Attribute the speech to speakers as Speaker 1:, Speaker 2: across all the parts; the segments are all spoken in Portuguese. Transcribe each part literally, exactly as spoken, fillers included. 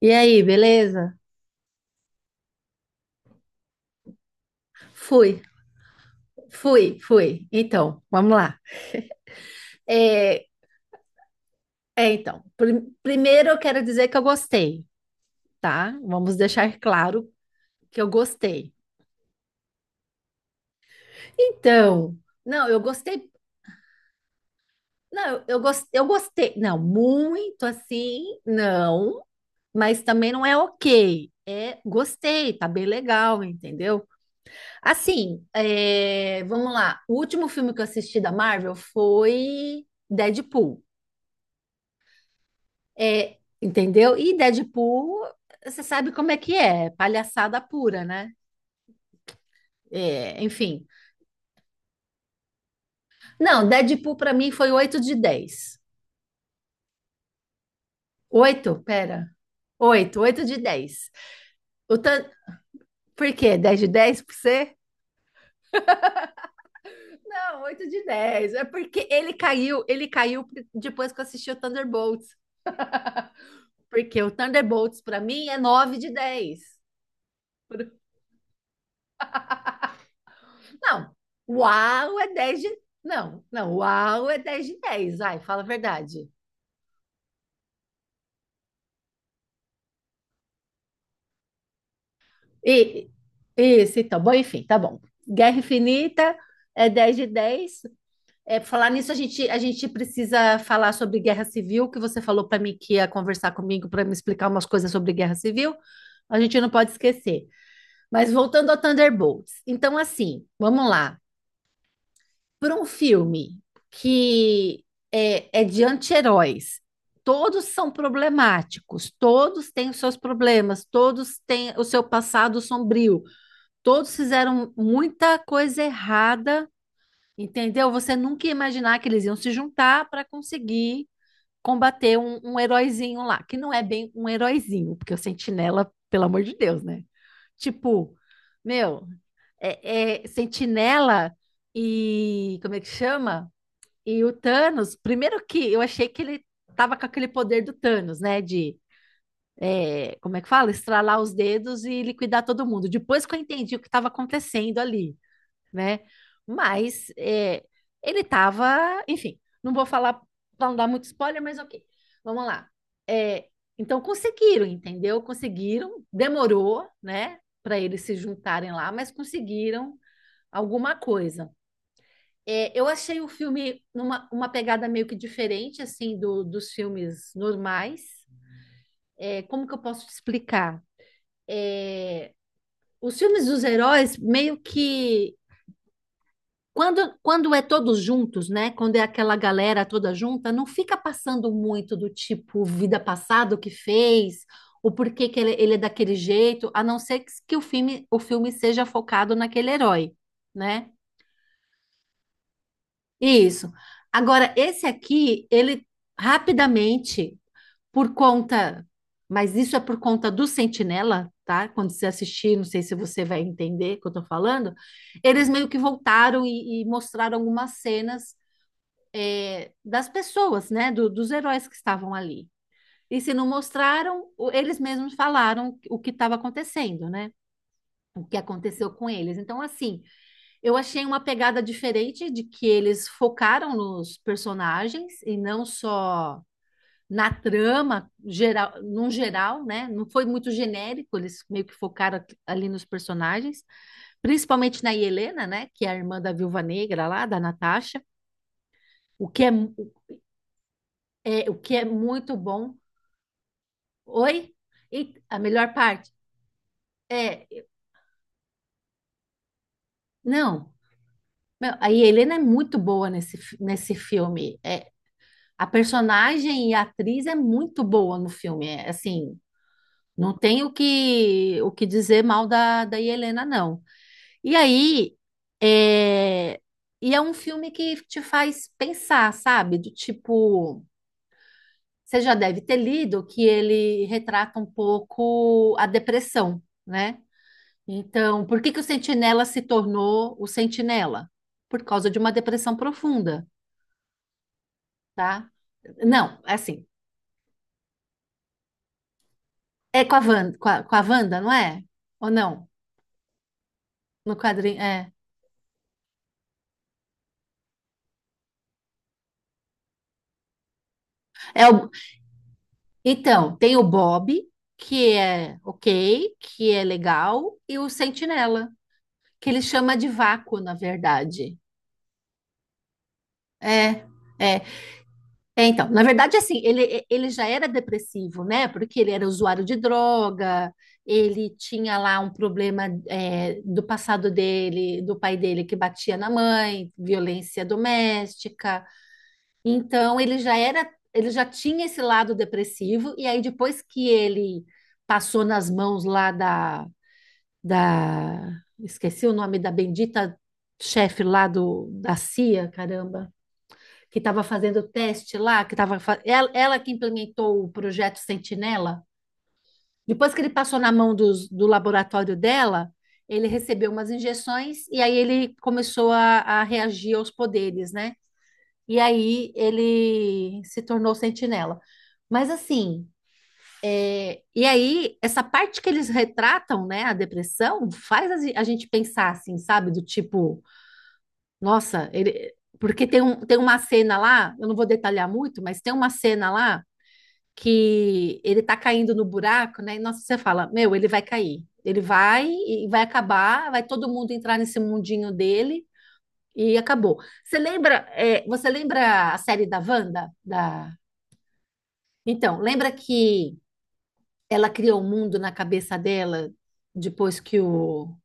Speaker 1: E aí, beleza? Fui, fui, fui. Então, vamos lá. É, é, então, prim- primeiro eu quero dizer que eu gostei, tá? Vamos deixar claro que eu gostei. Então, não, eu gostei, não, eu, eu, gos- eu gostei, não muito assim, não, mas também não é ok. É, gostei, tá bem legal, entendeu? Assim, é, vamos lá. O último filme que eu assisti da Marvel foi Deadpool. É, entendeu? E Deadpool, você sabe como é que é, palhaçada pura, né? É, enfim. Não, Deadpool para mim foi oito de dez. Oito Pera. oito oito de dez. O tan... Por quê? Dez de dez pra você? Não, oito de dez. É porque ele caiu, ele caiu pr- depois que eu assisti o Thunderbolts. Porque o Thunderbolts para mim é nove de dez. Não, uau é dez de... Não, não, uau é dez de dez. Vai, fala a verdade. E, isso, então. Bom, enfim, tá bom. Guerra Infinita é dez de dez. É, pra falar nisso, a gente, a gente precisa falar sobre guerra civil, que você falou para mim que ia conversar comigo para me explicar umas coisas sobre guerra civil. A gente não pode esquecer. Mas voltando ao Thunderbolts. Então, assim, vamos lá. Por um filme que é, é de anti-heróis, todos são problemáticos, todos têm os seus problemas, todos têm o seu passado sombrio, todos fizeram muita coisa errada, entendeu? Você nunca ia imaginar que eles iam se juntar para conseguir combater um, um heróizinho lá, que não é bem um heróizinho, porque o Sentinela, pelo amor de Deus, né? Tipo, meu, é, é Sentinela e como é que chama? E o Thanos, primeiro que eu achei que ele tava com aquele poder do Thanos, né? De, é, como é que fala? Estralar os dedos e liquidar todo mundo. Depois que eu entendi o que estava acontecendo ali, né? Mas é, ele tava, enfim, não vou falar para não dar muito spoiler, mas ok. Vamos lá. É, então conseguiram, entendeu? Conseguiram, demorou, né, para eles se juntarem lá, mas conseguiram alguma coisa. É, eu achei o filme numa uma pegada meio que diferente assim do- dos filmes normais. É, como que eu posso te explicar? É, os filmes dos heróis meio que Quando, quando é todos juntos, né? Quando é aquela galera toda junta, não fica passando muito do tipo vida passada o que fez, o porquê que ele, ele é daquele jeito, a não ser que, que o filme, o filme seja focado naquele herói, né? Isso. Agora, esse aqui, ele rapidamente, por conta, mas isso é por conta do Sentinela, tá? Quando você assistir, não sei se você vai entender o que eu tô falando, eles meio que voltaram e, e mostraram algumas cenas, é, das pessoas, né? Do, dos heróis que estavam ali. E se não mostraram, o- eles mesmos falaram o que estava acontecendo, né? O que aconteceu com eles. Então, assim, eu achei uma pegada diferente de que eles focaram nos personagens e não só na trama geral, num geral, né? Não foi muito genérico, eles meio que focaram aqui- ali nos personagens, principalmente na Helena, né? Que é a irmã da Viúva Negra lá, da Natasha. o que é, mu- é, o que é muito bom. Oi? E a melhor parte, é, não. Meu, a Helena é muito boa nesse, fi- nesse filme. É, a personagem e a atriz é muito boa no filme. É, assim, não tem o que, o que, dizer mal da, da Helena, não. E aí, é, e é um filme que te faz pensar, sabe? Do tipo, você já deve ter lido que ele retrata um pouco a depressão, né? Então, por que que o Sentinela se tornou o Sentinela? Por causa de uma depressão profunda, tá? Não, é assim, é com a Wanda, com a, com a Wanda, não é? Ou não? No quadrinho, é. É o, então, tem o Bob, que é ok, que é legal, e o Sentinela, que ele chama de vácuo, na verdade. É, é. É, então, na verdade, assim, ele, ele já era depressivo, né? Porque ele era usuário de droga, ele tinha lá um problema, é, do passado dele, do pai dele que batia na mãe, violência doméstica. Então, ele já era, ele já tinha esse lado depressivo, e aí depois que ele passou nas mãos lá da, da, esqueci o nome da bendita chefe lá do, da C I A, caramba, que estava fazendo teste lá, que estava fa... ela, ela que implementou o projeto Sentinela. Depois que ele passou na mão dos, do laboratório dela, ele recebeu umas injeções e aí ele começou a, a reagir aos poderes, né? E aí ele se tornou Sentinela. Mas assim, é, e aí essa parte que eles retratam, né, a depressão, faz a, ge- a gente pensar assim, sabe? Do tipo, nossa, ele, porque tem, um, tem uma cena lá, eu não vou detalhar muito, mas tem uma cena lá que ele tá caindo no buraco, né? E nossa, você fala, meu, ele vai cair. Ele vai e vai acabar, vai todo mundo entrar nesse mundinho dele e acabou. Você lembra, é, você lembra a série da Wanda? Da... Então, lembra que ela criou um mundo na cabeça dela depois que o,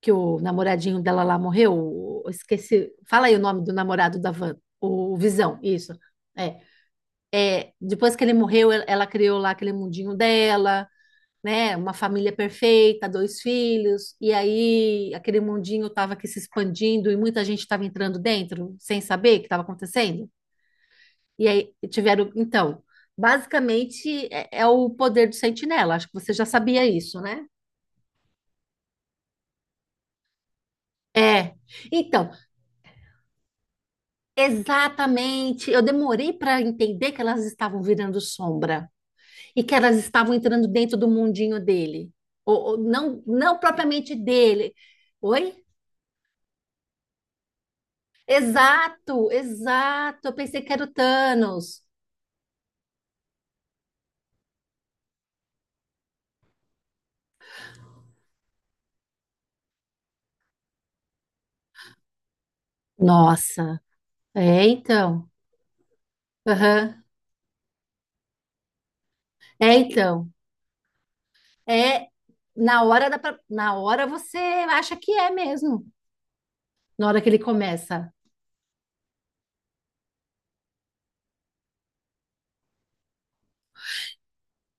Speaker 1: que o namoradinho dela lá morreu? O- eu esqueci. Fala aí o nome do namorado da Wanda, o Visão, isso. É. Depois que ele morreu, ela ela criou lá aquele mundinho dela, né? Uma família perfeita, dois filhos, e aí aquele mundinho estava aqui se expandindo e muita gente estava entrando dentro sem saber o que estava acontecendo. E aí tiveram, então, basicamente é, é o poder do Sentinela. Acho que você já sabia isso, né? É. Então, exatamente. Eu demorei para entender que elas estavam virando sombra e que elas estavam entrando dentro do mundinho dele. Ou, ou não, não propriamente dele. Oi? Exato, exato. Eu pensei que era o Thanos. Nossa, é então. Aham. É então. É na hora da, na hora você acha que é mesmo. Na hora que ele começa.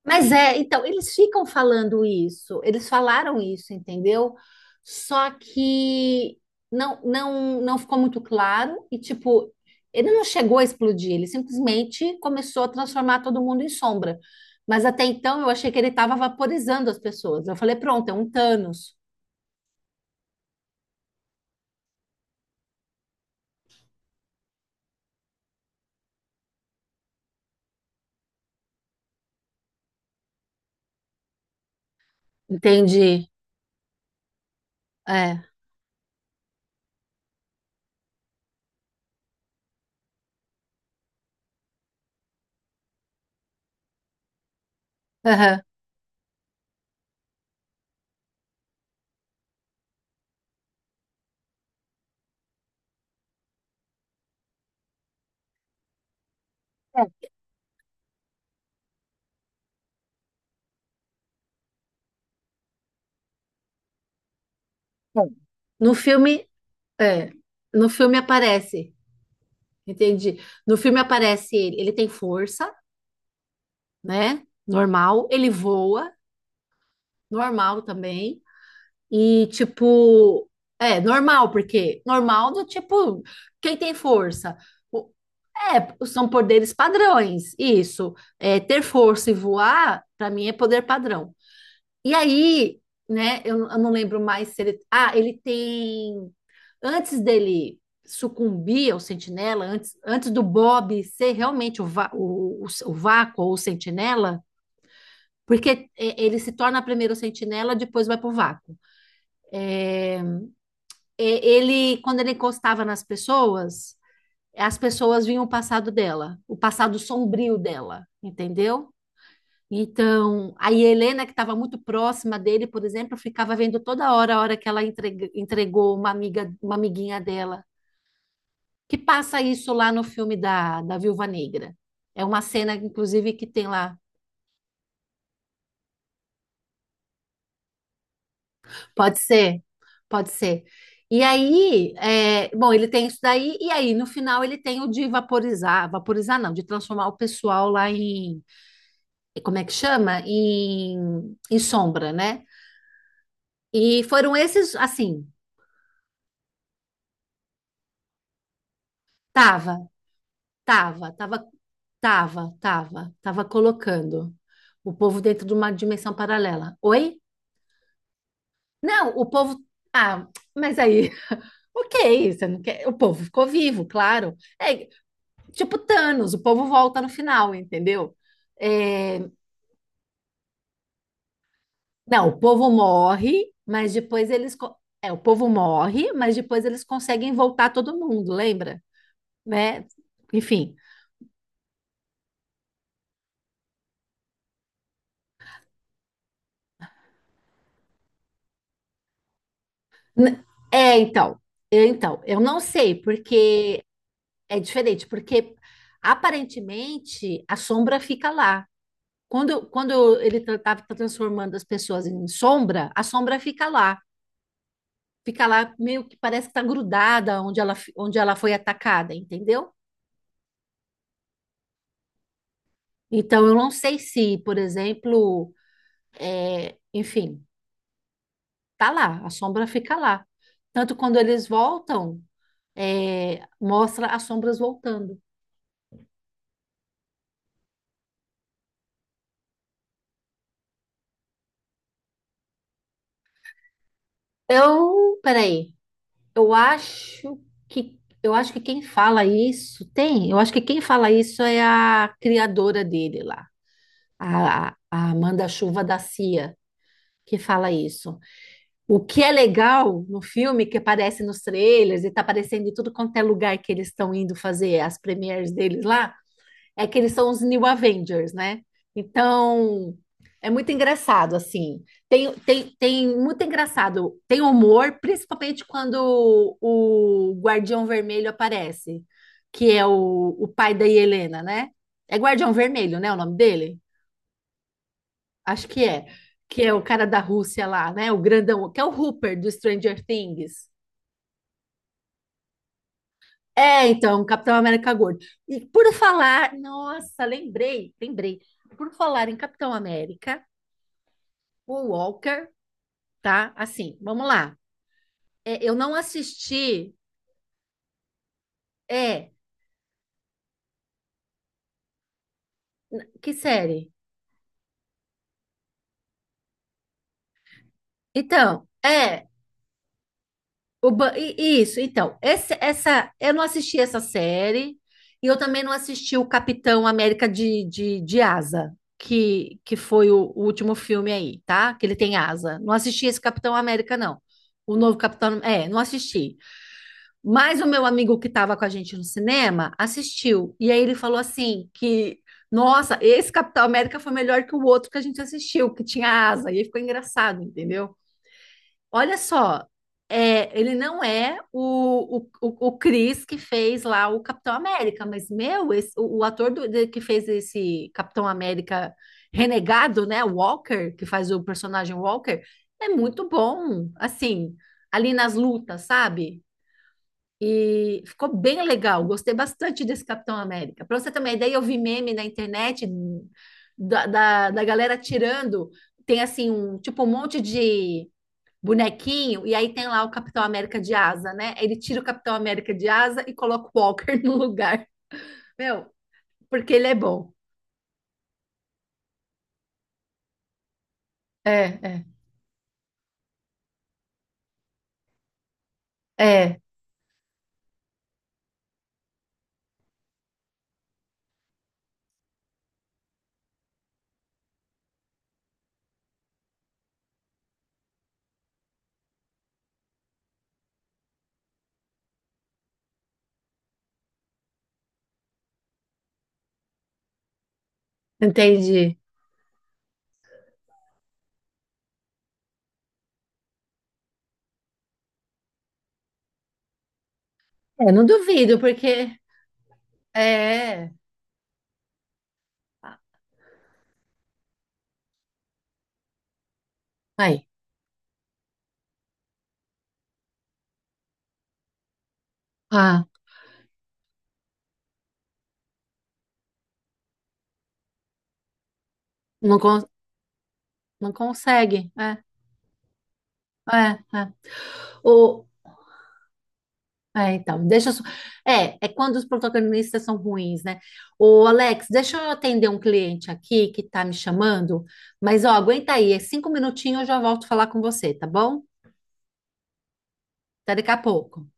Speaker 1: Mas é, então, eles ficam falando isso, eles falaram isso, entendeu? Só que não, não, não ficou muito claro e, tipo, ele não chegou a explodir, ele simplesmente começou a transformar todo mundo em sombra. Mas até então eu achei que ele estava vaporizando as pessoas. Eu falei, pronto, é um Thanos. Entendi. É. Aham. É, é. No filme, é. No filme aparece. Entendi. No filme aparece ele, ele tem força, né? Normal. Ele voa, normal também. E tipo, é normal, porque normal do tipo, quem tem força? O- É, são poderes padrões, isso. É, ter força e voar, para mim, é poder padrão. E aí, né, eu, eu não lembro mais se ele. Ah, ele tem. Antes dele sucumbir ao Sentinela, antes, antes do Bob ser realmente o, va- o, o, o vácuo ou o Sentinela. Porque é, ele se torna primeiro Sentinela, depois vai para o vácuo. É. Ele, quando ele encostava nas pessoas, as pessoas vinham o passado dela, o passado sombrio dela, entendeu? Então, a Helena, que estava muito próxima dele, por exemplo, ficava vendo toda hora a hora que ela entreg- entregou uma amiga, uma amiguinha dela, que passa isso lá no filme da, da Viúva Negra. É uma cena, inclusive, que tem lá. Pode ser, pode ser. E aí, é, bom, ele tem isso daí, e aí no final ele tem o de vaporizar, vaporizar não, de transformar o pessoal lá em, como é que chama? Em, em sombra, né? E foram esses, assim, tava, tava, tava, tava, tava, tava colocando o povo dentro de uma dimensão paralela. Oi? Não, o povo, ah, mas aí, ok, você não quer, o povo ficou vivo, claro. É, tipo Thanos, o povo volta no final, entendeu? É. Não, o povo morre, mas depois eles. Co- É, o povo morre, mas depois eles conseguem voltar todo mundo, lembra? Né? Enfim. N- É, então. Eu, então, eu não sei, porque é diferente, porque aparentemente a sombra fica lá. Quando, quando ele estava transformando as pessoas em sombra, a sombra fica lá, fica lá, meio que parece que está grudada onde ela, fi- onde ela foi atacada, entendeu? Então, eu não sei se, por exemplo, é, enfim, tá lá, a sombra fica lá. Tanto quando eles voltam, é, mostra as sombras voltando. Eu, peraí, eu acho que eu acho que quem fala isso tem, eu acho que quem fala isso é a criadora dele lá, a, a a Amanda Chuva da Cia, que fala isso. O que é legal no filme, que aparece nos trailers e tá aparecendo em tudo quanto é lugar que eles estão indo fazer as premieres deles lá, é que eles são os New Avengers, né? Então, é muito engraçado, assim. Tem, tem, tem muito engraçado. Tem humor, principalmente quando o Guardião Vermelho aparece, que é o, o pai da Helena, né? É Guardião Vermelho, né? O nome dele? Acho que é. Que é o cara da Rússia lá, né? O grandão, que é o Hooper do Stranger Things. É, então, Capitão América Gordo. E por falar, nossa, lembrei, lembrei. Por falar em Capitão América, o Walker, tá? Assim, vamos lá. É, eu não assisti. É, que série? Então, é, O Ba- i- isso, então, esse- essa, eu não assisti essa série e eu também não assisti o Capitão América de, de, de Asa, que, que foi o, o último filme aí, tá? Que ele tem asa. Não assisti esse Capitão América, não. O novo Capitão, é, não assisti. Mas o meu amigo que estava com a gente no cinema assistiu. E aí ele falou assim que, nossa, esse Capitão América foi melhor que o outro que a gente assistiu, que tinha asa. E aí ficou engraçado, entendeu? Olha só, é, ele não é o, o, o, o Chris que fez lá o Capitão América, mas, meu, esse- o, o ator do- de- que fez esse Capitão América renegado, né, Walker, que faz o personagem Walker, é muito bom, assim, ali nas lutas, sabe? E ficou bem legal, gostei bastante desse Capitão América. Para você ter uma ideia, eu vi meme na internet da, da, da galera tirando, tem assim, um, tipo, um monte de bonequinho, e aí tem lá o Capitão América de asa, né? Ele tira o Capitão América de asa e coloca o Walker no lugar. Meu, porque ele é bom. É, é, é, entendi. É, não duvido, porque. É. É. Aí. Ah, não, con- não consegue. É, é, é. O... É, então, deixa eu... só- É, é quando os protagonistas são ruins, né? O Alex, deixa eu atender um cliente aqui que tá me chamando, mas ó, aguenta aí, é cinco minutinhos eu já volto falar com você, tá bom? Até daqui a pouco.